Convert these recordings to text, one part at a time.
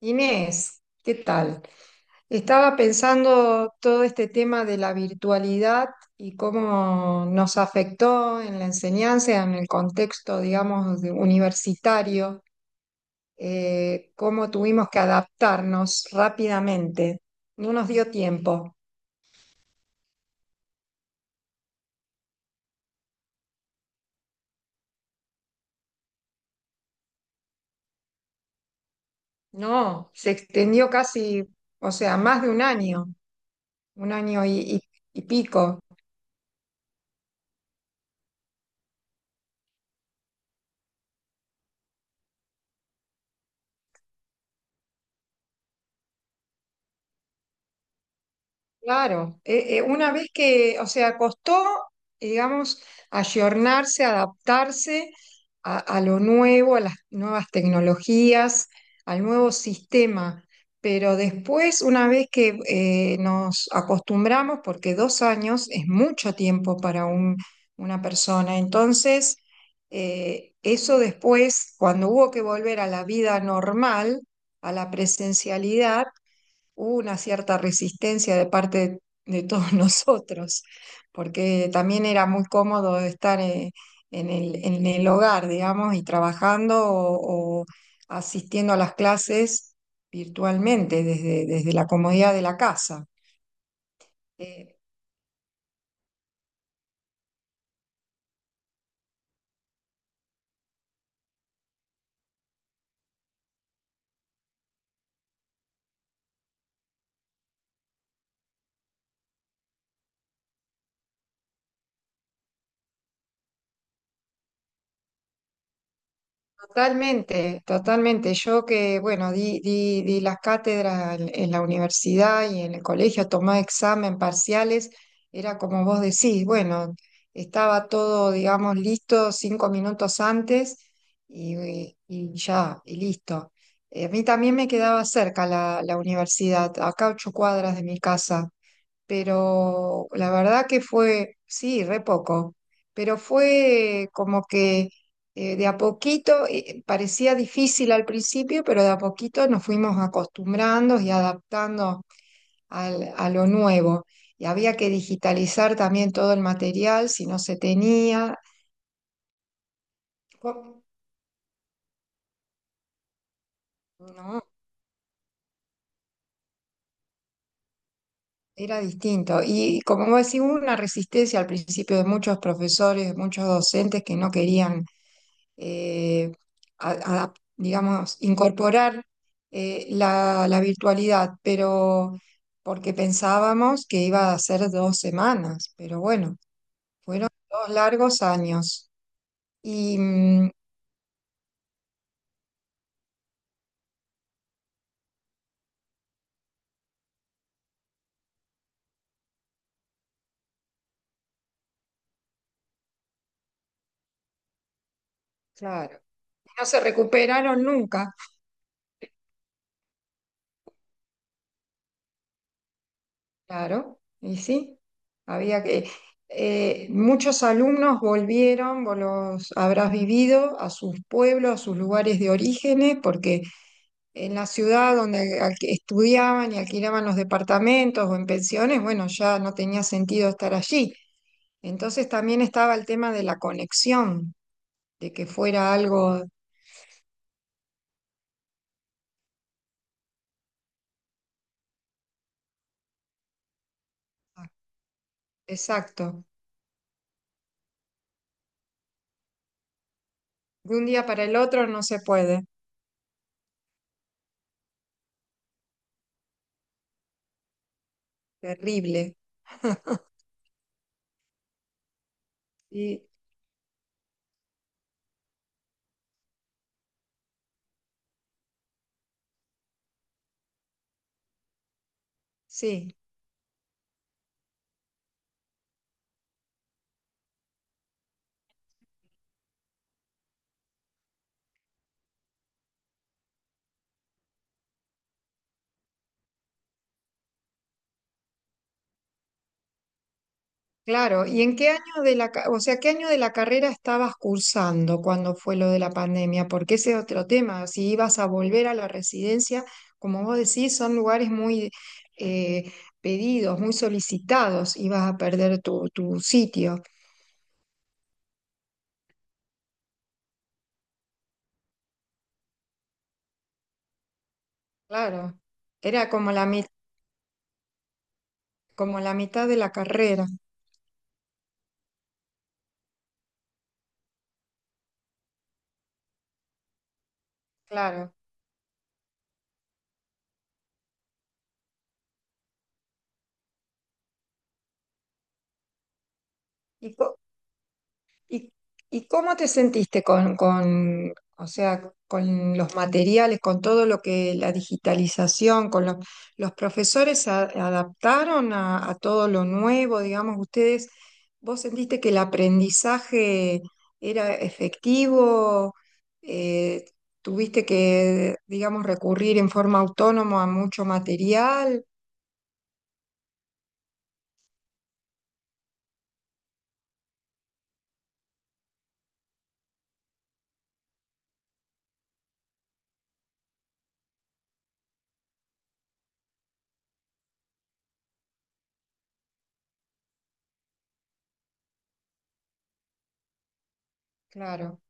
Inés, ¿qué tal? Estaba pensando todo este tema de la virtualidad y cómo nos afectó en la enseñanza, en el contexto, digamos, universitario. Cómo tuvimos que adaptarnos rápidamente. No nos dio tiempo, no, se extendió casi, o sea, más de un año y pico. Claro, una vez que, o sea, costó, digamos, ayornarse, adaptarse a lo nuevo, a las nuevas tecnologías, al nuevo sistema, pero después, una vez que nos acostumbramos, porque 2 años es mucho tiempo para una persona. Entonces, eso después, cuando hubo que volver a la vida normal, a la presencialidad, una cierta resistencia de parte de todos nosotros, porque también era muy cómodo estar en el hogar, digamos, y trabajando o asistiendo a las clases virtualmente desde la comodidad de la casa. Eh, Totalmente, totalmente. Yo que, bueno, di las cátedras en la universidad y en el colegio, tomé examen, parciales, era como vos decís, bueno, estaba todo, digamos, listo 5 minutos antes y ya, y listo. A mí también me quedaba cerca la universidad, acá a 8 cuadras de mi casa, pero la verdad que fue, sí, re poco, pero fue como que de a poquito, parecía difícil al principio, pero de a poquito nos fuimos acostumbrando y adaptando a lo nuevo. Y había que digitalizar también todo el material si no se tenía. Co- No, era distinto. Y como vos decís, hubo una resistencia al principio de muchos profesores, de muchos docentes que no querían, eh, digamos, incorporar la virtualidad, pero porque pensábamos que iba a ser 2 semanas, pero bueno, fueron dos largos años y claro, no se recuperaron nunca. Claro, y sí, había que… muchos alumnos volvieron, vos los habrás vivido, a sus pueblos, a sus lugares de orígenes, porque en la ciudad donde estudiaban y alquilaban los departamentos o en pensiones, bueno, ya no tenía sentido estar allí. Entonces también estaba el tema de la conexión, de que fuera algo. Exacto. De un día para el otro no se puede. Terrible. Y sí. Claro, ¿y en qué año de o sea, qué año de la carrera estabas cursando cuando fue lo de la pandemia? Porque ese es otro tema, si ibas a volver a la residencia, como vos decís, son lugares muy eh, pedidos, muy solicitados, ibas a perder tu sitio. Claro, era como como la mitad de la carrera, claro. ¿Y, co- ¿Y, y, cómo te sentiste con, o sea, con los materiales, con todo lo que la digitalización, con los profesores se adaptaron a todo lo nuevo, digamos, ustedes, vos sentiste que el aprendizaje era efectivo. Eh, Tuviste que, digamos, recurrir en forma autónoma a mucho material, claro.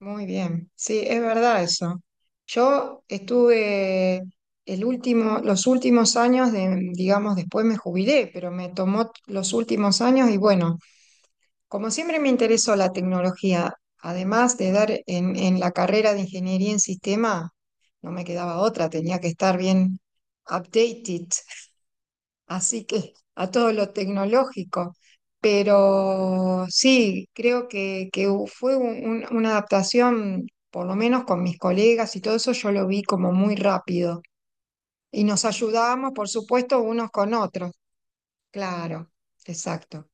Muy bien, sí, es verdad eso. Yo estuve los últimos años de, digamos, después me jubilé, pero me tomó los últimos años y bueno, como siempre me interesó la tecnología, además de dar en la carrera de ingeniería en sistema, no me quedaba otra, tenía que estar bien updated, así que a todo lo tecnológico. Pero sí, creo que fue una adaptación, por lo menos con mis colegas y todo eso, yo lo vi como muy rápido. Y nos ayudábamos, por supuesto, unos con otros. Claro, exacto.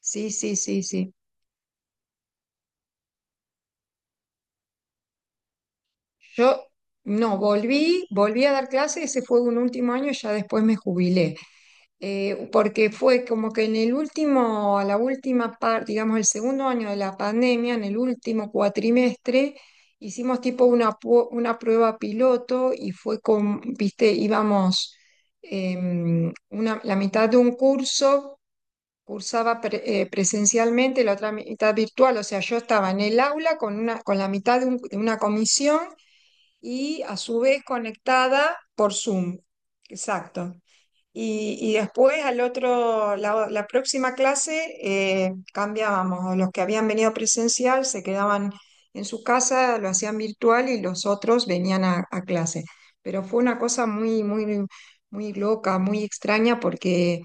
Sí, sí, sí, sí. Yo no, volví a dar clases, ese fue un último año, y ya después me jubilé. Porque fue como que en la última parte, digamos, el segundo año de la pandemia, en el último cuatrimestre, hicimos tipo una prueba piloto y fue con, viste, íbamos la mitad de un curso, cursaba presencialmente, la otra mitad virtual, o sea, yo estaba en el aula con la mitad de una comisión y a su vez conectada por Zoom. Exacto. Y después la próxima clase cambiábamos. Los que habían venido presencial se quedaban en su casa, lo hacían virtual y los otros venían a clase. Pero fue una cosa muy, muy, muy loca, muy extraña, porque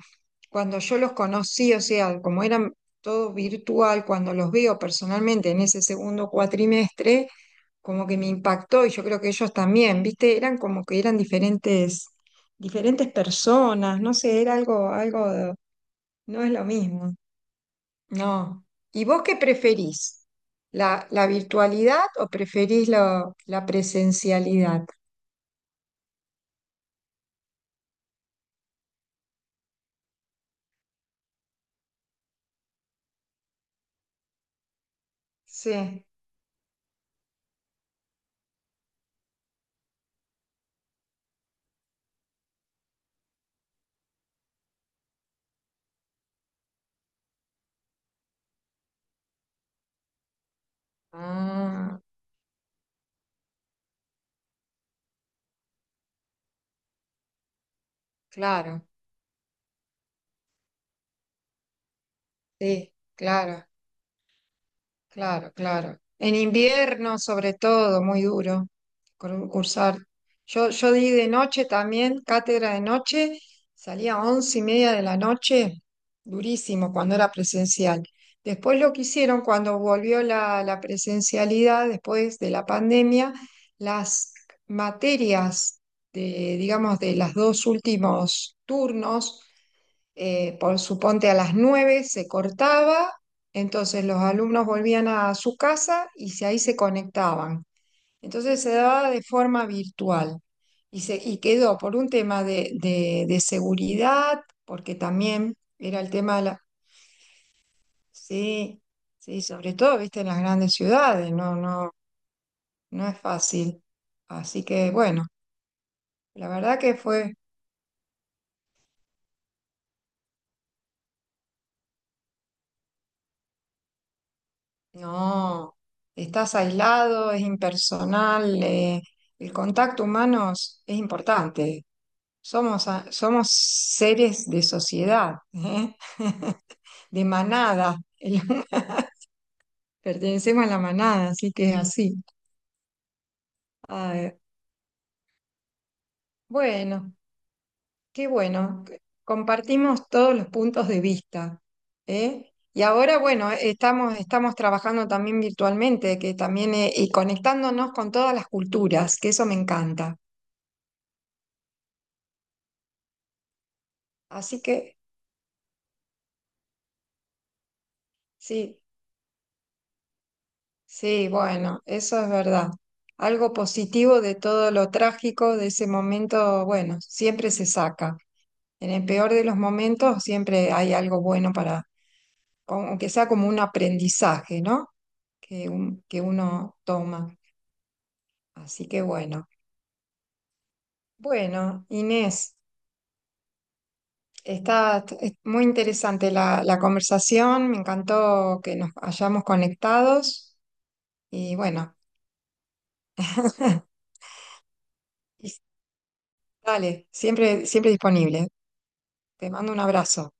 cuando yo los conocí, o sea, como eran todo virtual, cuando los veo personalmente en ese segundo cuatrimestre, como que me impactó y yo creo que ellos también, ¿viste? Eran como que eran diferentes, diferentes personas, no sé, era algo. No es lo mismo, no. ¿Y vos qué preferís? ¿La virtualidad o preferís la presencialidad? Sí. Ah, claro, sí, claro. Claro, claro. En invierno, sobre todo, muy duro cursar. Yo di de noche también, cátedra de noche, salía a 11:30 de la noche, durísimo cuando era presencial. Después lo que hicieron cuando volvió la presencialidad, después de la pandemia, las materias de, digamos, de los dos últimos turnos, por suponte a las 9:00 se cortaba, entonces los alumnos volvían a su casa y ahí se conectaban. Entonces se daba de forma virtual y quedó por un tema de seguridad, porque también era el tema de la… Sí, sí, sobre todo, viste, en las grandes ciudades, no, no, no es fácil. Así que bueno, la verdad que fue… No, estás aislado, es impersonal, el contacto humano es importante. Somos seres de sociedad, ¿eh? De manada. Pertenecemos a la manada, así que es así. Ah, bueno, qué bueno. Que compartimos todos los puntos de vista, ¿eh? Y ahora, bueno, estamos, trabajando también virtualmente, que también, y conectándonos con todas las culturas, que eso me encanta. Así que sí, sí, bueno, eso es verdad. Algo positivo de todo lo trágico de ese momento, bueno, siempre se saca. En el peor de los momentos siempre hay algo bueno para, aunque sea como un aprendizaje, ¿no? Que uno toma. Así que bueno. Bueno, Inés, está es muy interesante la conversación, me encantó que nos hayamos conectados y bueno. Dale, siempre, siempre disponible. Te mando un abrazo.